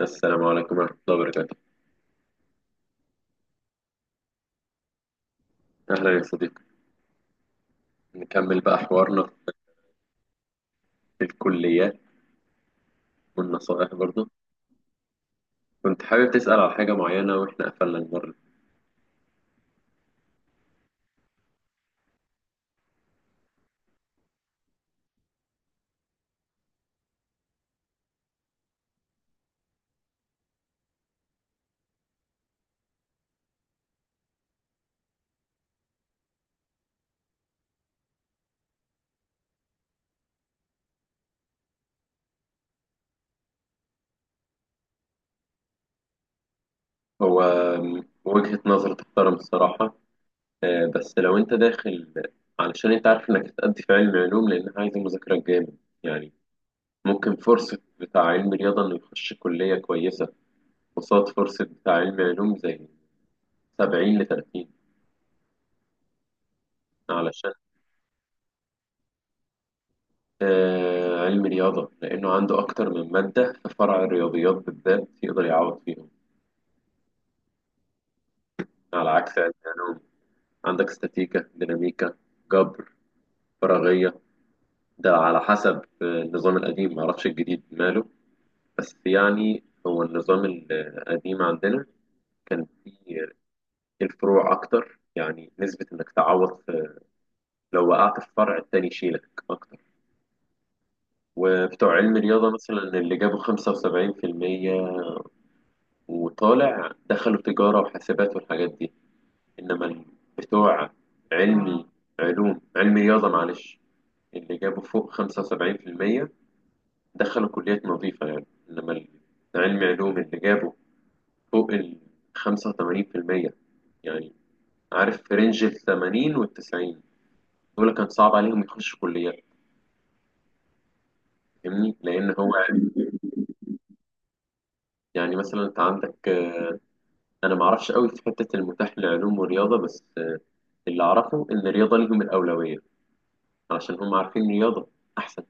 السلام عليكم ورحمة الله وبركاته. أهلا يا صديقي، نكمل بقى حوارنا في الكليات والنصائح برضه. كنت حابب تسأل على حاجة معينة وإحنا قفلنا المرة. هو وجهة نظر تحترم الصراحة. بس لو أنت داخل علشان أنت عارف إنك هتأدي في علم علوم لأنها عايزة مذاكرة جامد يعني. ممكن فرصة بتاع علم رياضة إنه يخش كلية كويسة، قصاد فرصة بتاع علم علوم زي 70 ل 30. علم رياضة لأنه عنده أكتر من مادة في فرع الرياضيات بالذات يقدر يعوض فيهم على عكس علم علوم. عندك استاتيكا، ديناميكا، جبر، فراغية. ده على حسب. النظام القديم، معرفش الجديد ماله. بس يعني هو النظام القديم عندنا كان فيه الفروع أكتر، يعني نسبة إنك تعوض في، لو وقعت في فرع التاني يشيلك أكتر. وبتوع علم رياضة مثلا اللي جابوا 75% وطالع دخلوا تجارة وحاسبات والحاجات دي. إنما بتوع علمي علوم، علمي رياضة، معلش، اللي جابوا فوق 75% دخلوا كليات نظيفة يعني. إنما علمي علوم اللي جابوا فوق ال 85%، يعني عارف في رينج ال 80 وال 90، دول كان صعب عليهم يخشوا كليات. فاهمني؟ لأن هو. يعني مثلا أنت عندك. أنا معرفش قوي في حتة المتاح لعلوم ورياضة، بس اللي أعرفه إن الرياضة ليهم الأولوية علشان هم عارفين رياضة أحسن.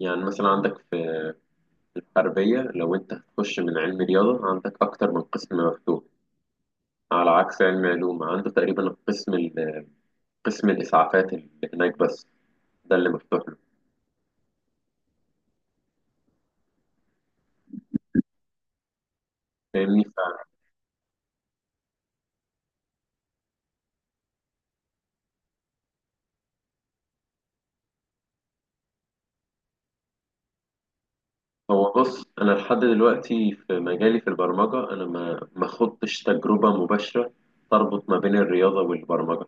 يعني مثلا عندك في الحربية، لو أنت هتخش من علم رياضة عندك أكتر من قسم مفتوح، على عكس علم علوم عنده تقريبا القسم قسم الإسعافات اللي هناك بس، ده اللي مفتوح له. فاهمني؟ فهو بص، أنا لحد دلوقتي في مجالي في البرمجة أنا ما خضتش تجربة مباشرة تربط ما بين الرياضة والبرمجة،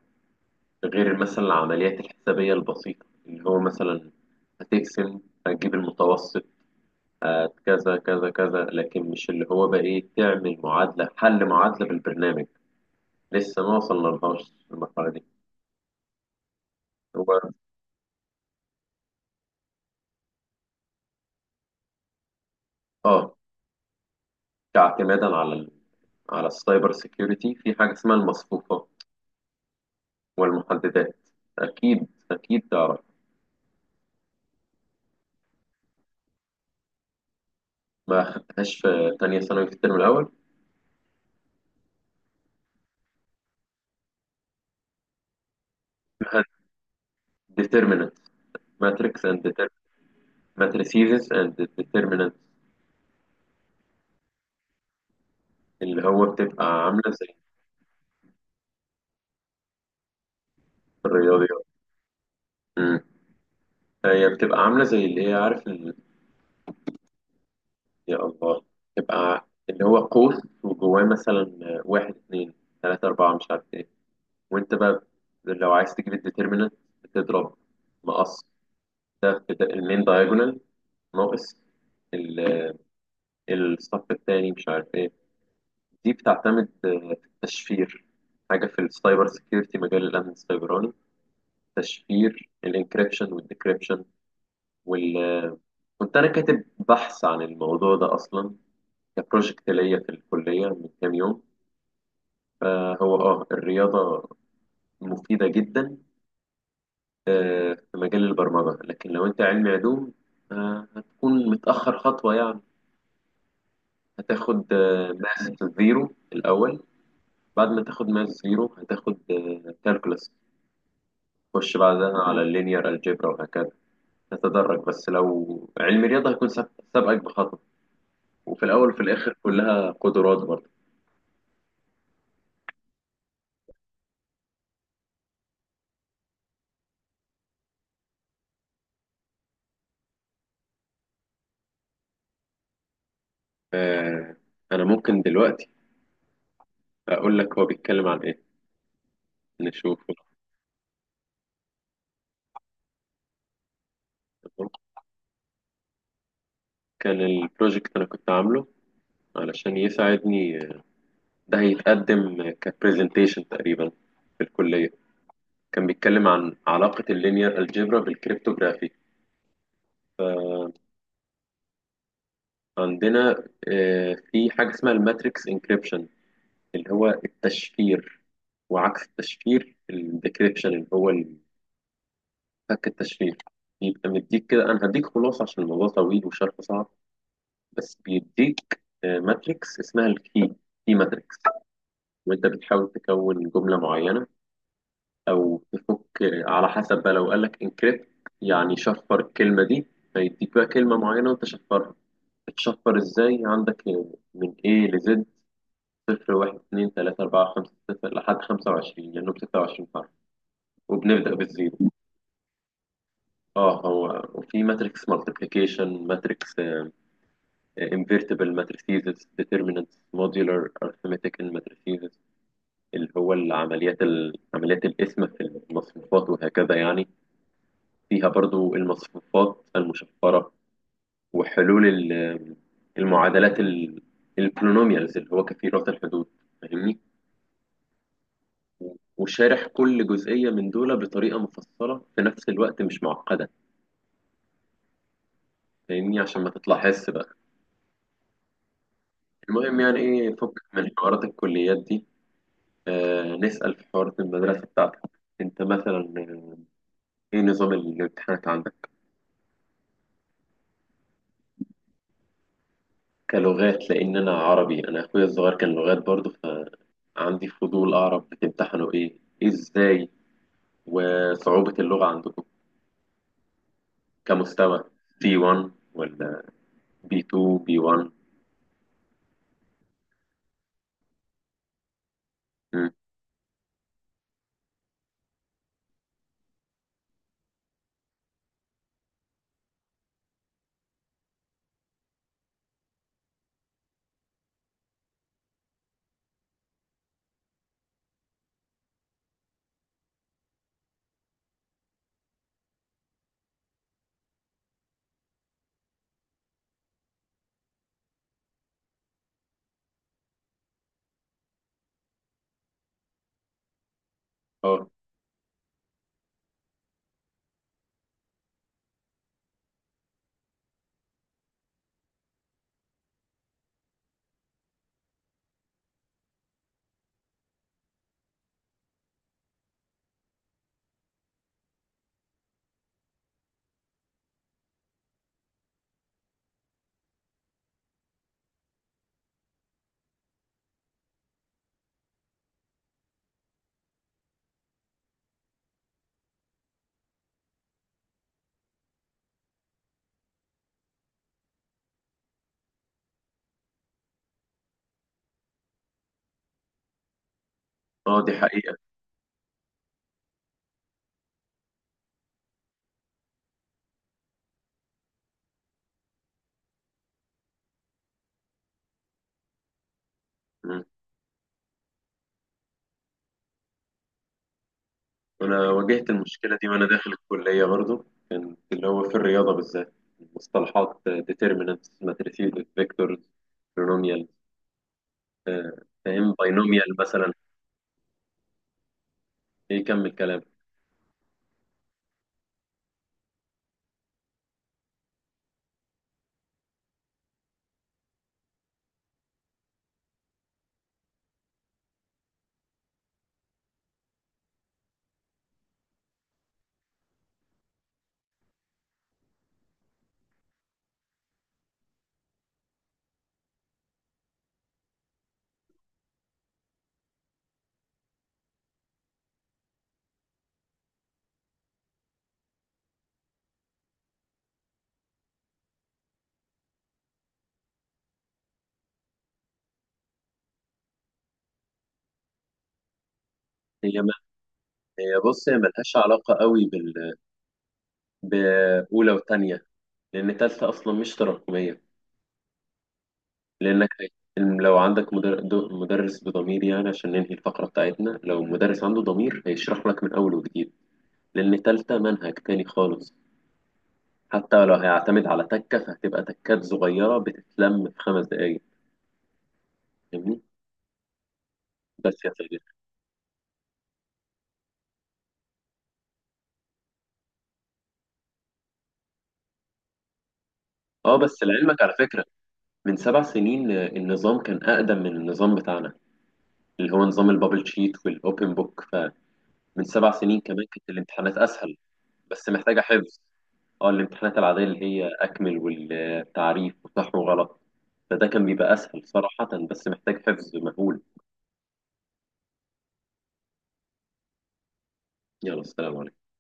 غير مثلا العمليات الحسابية البسيطة اللي هو مثلا هتقسم، هتجيب المتوسط، كذا كذا كذا، لكن مش اللي هو بقى ايه، تعمل معادلة، حل معادلة بالبرنامج. لسه ما وصلنا لهاش المرحلة دي. هو اه كاعتمادا على على السايبر سيكيورتي في حاجة اسمها المصفوفة والمحددات، أكيد أكيد تعرف. ما خدتهاش في تانية ثانوي في الترم الأول. ديترمينانت، ماتريكس اند ماتريسيز اند، اللي هو بتبقى عاملة زي الرياضيات. مم. هي بتبقى عاملة زي اللي هي، عارف يا الله، بتبقى اللي هو قوس وجواه مثلا واحد اتنين تلاتة أربعة مش عارف ايه. وانت بقى لو عايز تجيب الديترمينانت بتضرب مقص، ده المين دايجونال ناقص ال- الصف التاني مش عارف ايه. دي بتعتمد في التشفير، حاجة في السايبر سيكيورتي، مجال الأمن السيبراني. تشفير الانكريبشن والديكريبشن وال كنت أنا كاتب بحث عن الموضوع ده أصلا كبروجكت ليا في الكلية من كام يوم. فهو الرياضة مفيدة جدا في مجال البرمجة، لكن لو أنت علمي علوم هتكون متأخر خطوة يعني. هتاخد ماس زيرو الأول. بعد ما تاخد ماس زيرو هتاخد كالكولس، تخش بعدها على اللينير الجبرا وهكذا، تتدرج. بس لو علم رياضة هيكون سابقك بخطوة. وفي الأول وفي الآخر كلها قدرات برضه. آه انا ممكن دلوقتي اقول لك هو بيتكلم عن ايه، نشوفه. تمام؟ كان البروجكت انا كنت عامله علشان يساعدني، ده هيتقدم كبرزنتيشن تقريبا في الكلية. كان بيتكلم عن علاقة اللينير الجبرا بالكريبتوغرافي. عندنا في حاجة اسمها الماتريكس انكريبشن، اللي هو التشفير، وعكس التشفير الديكريبشن اللي هو فك التشفير. يبقى مديك كده، انا هديك خلاصة عشان الموضوع طويل وشرحه صعب. بس بيديك ماتريكس اسمها الكي، كي ماتريكس. وانت بتحاول تكون جمله معينه او تفك على حسب بقى. لو قال لك انكريبت يعني شفر الكلمه دي. فيديك بقى كلمه معينه وانت شفرها. بتشفر ازاي؟ عندك من A ل Z، صفر واحد اتنين تلاتة أربعة خمسة ستة لحد 25، لأنه بستة وعشرين حرف، وبنبدأ بالزيرو. اه، هو وفي ماتريكس مالتيبليكيشن، ماتريكس، انفيرتبل ماتريسيز، ديترمينانتس، موديولار ارثماتيك ماتريسيز، اللي هو العمليات عمليات القسم في المصفوفات وهكذا يعني. فيها برضو المصفوفات المشفرة وحلول المعادلات البولينوميالز اللي هو كثيرات الحدود. فاهمني؟ وشارح كل جزئية من دول بطريقة مفصلة، في نفس الوقت مش معقدة. فاهمني؟ عشان ما تطلع حس بقى. المهم، يعني ايه، فك من حوارات الكليات دي. نسأل في حوارات المدرسة بتاعتك. انت مثلا ايه نظام الامتحانات عندك كلغات؟ لأن أنا عربي، أنا أخويا الصغير كان لغات برضه، فعندي فضول أعرف بتمتحنوا إيه إزاي، وصعوبة اللغة عندكم كمستوى C1 ولا B2 B1؟ مم. اه، اه دي حقيقة. مم. أنا واجهت المشكلة دي وأنا داخل الكلية برضه، اللي هو في الرياضة بالذات مصطلحات determinants, matrices, vectors, polynomials. آه، فاهم binomial مثلا. إيه، كمل كلام. هي ما هي بص، هي ملهاش علاقة قوي بأولى وتانية، لأن تالتة أصلا مش تراكمية، لأنك لو عندك مدرس بضمير يعني، عشان ننهي الفقرة بتاعتنا، لو مدرس عنده ضمير هيشرح لك من أول وجديد. لأن تالتة منهج تاني خالص. حتى لو هيعتمد على تكة فهتبقى تكات صغيرة بتتلم في 5 دقايق. فاهمني؟ بس يا سيدي. اه بس لعلمك على فكرة، من 7 سنين النظام كان أقدم من النظام بتاعنا اللي هو نظام البابل شيت والأوبن بوك، فمن 7 سنين كمان كانت الامتحانات أسهل. بس محتاجة حفظ. اه الامتحانات العادية اللي هي أكمل والتعريف وصح وغلط، فده كان بيبقى أسهل صراحة، بس محتاج حفظ مهول. يلا، السلام عليكم.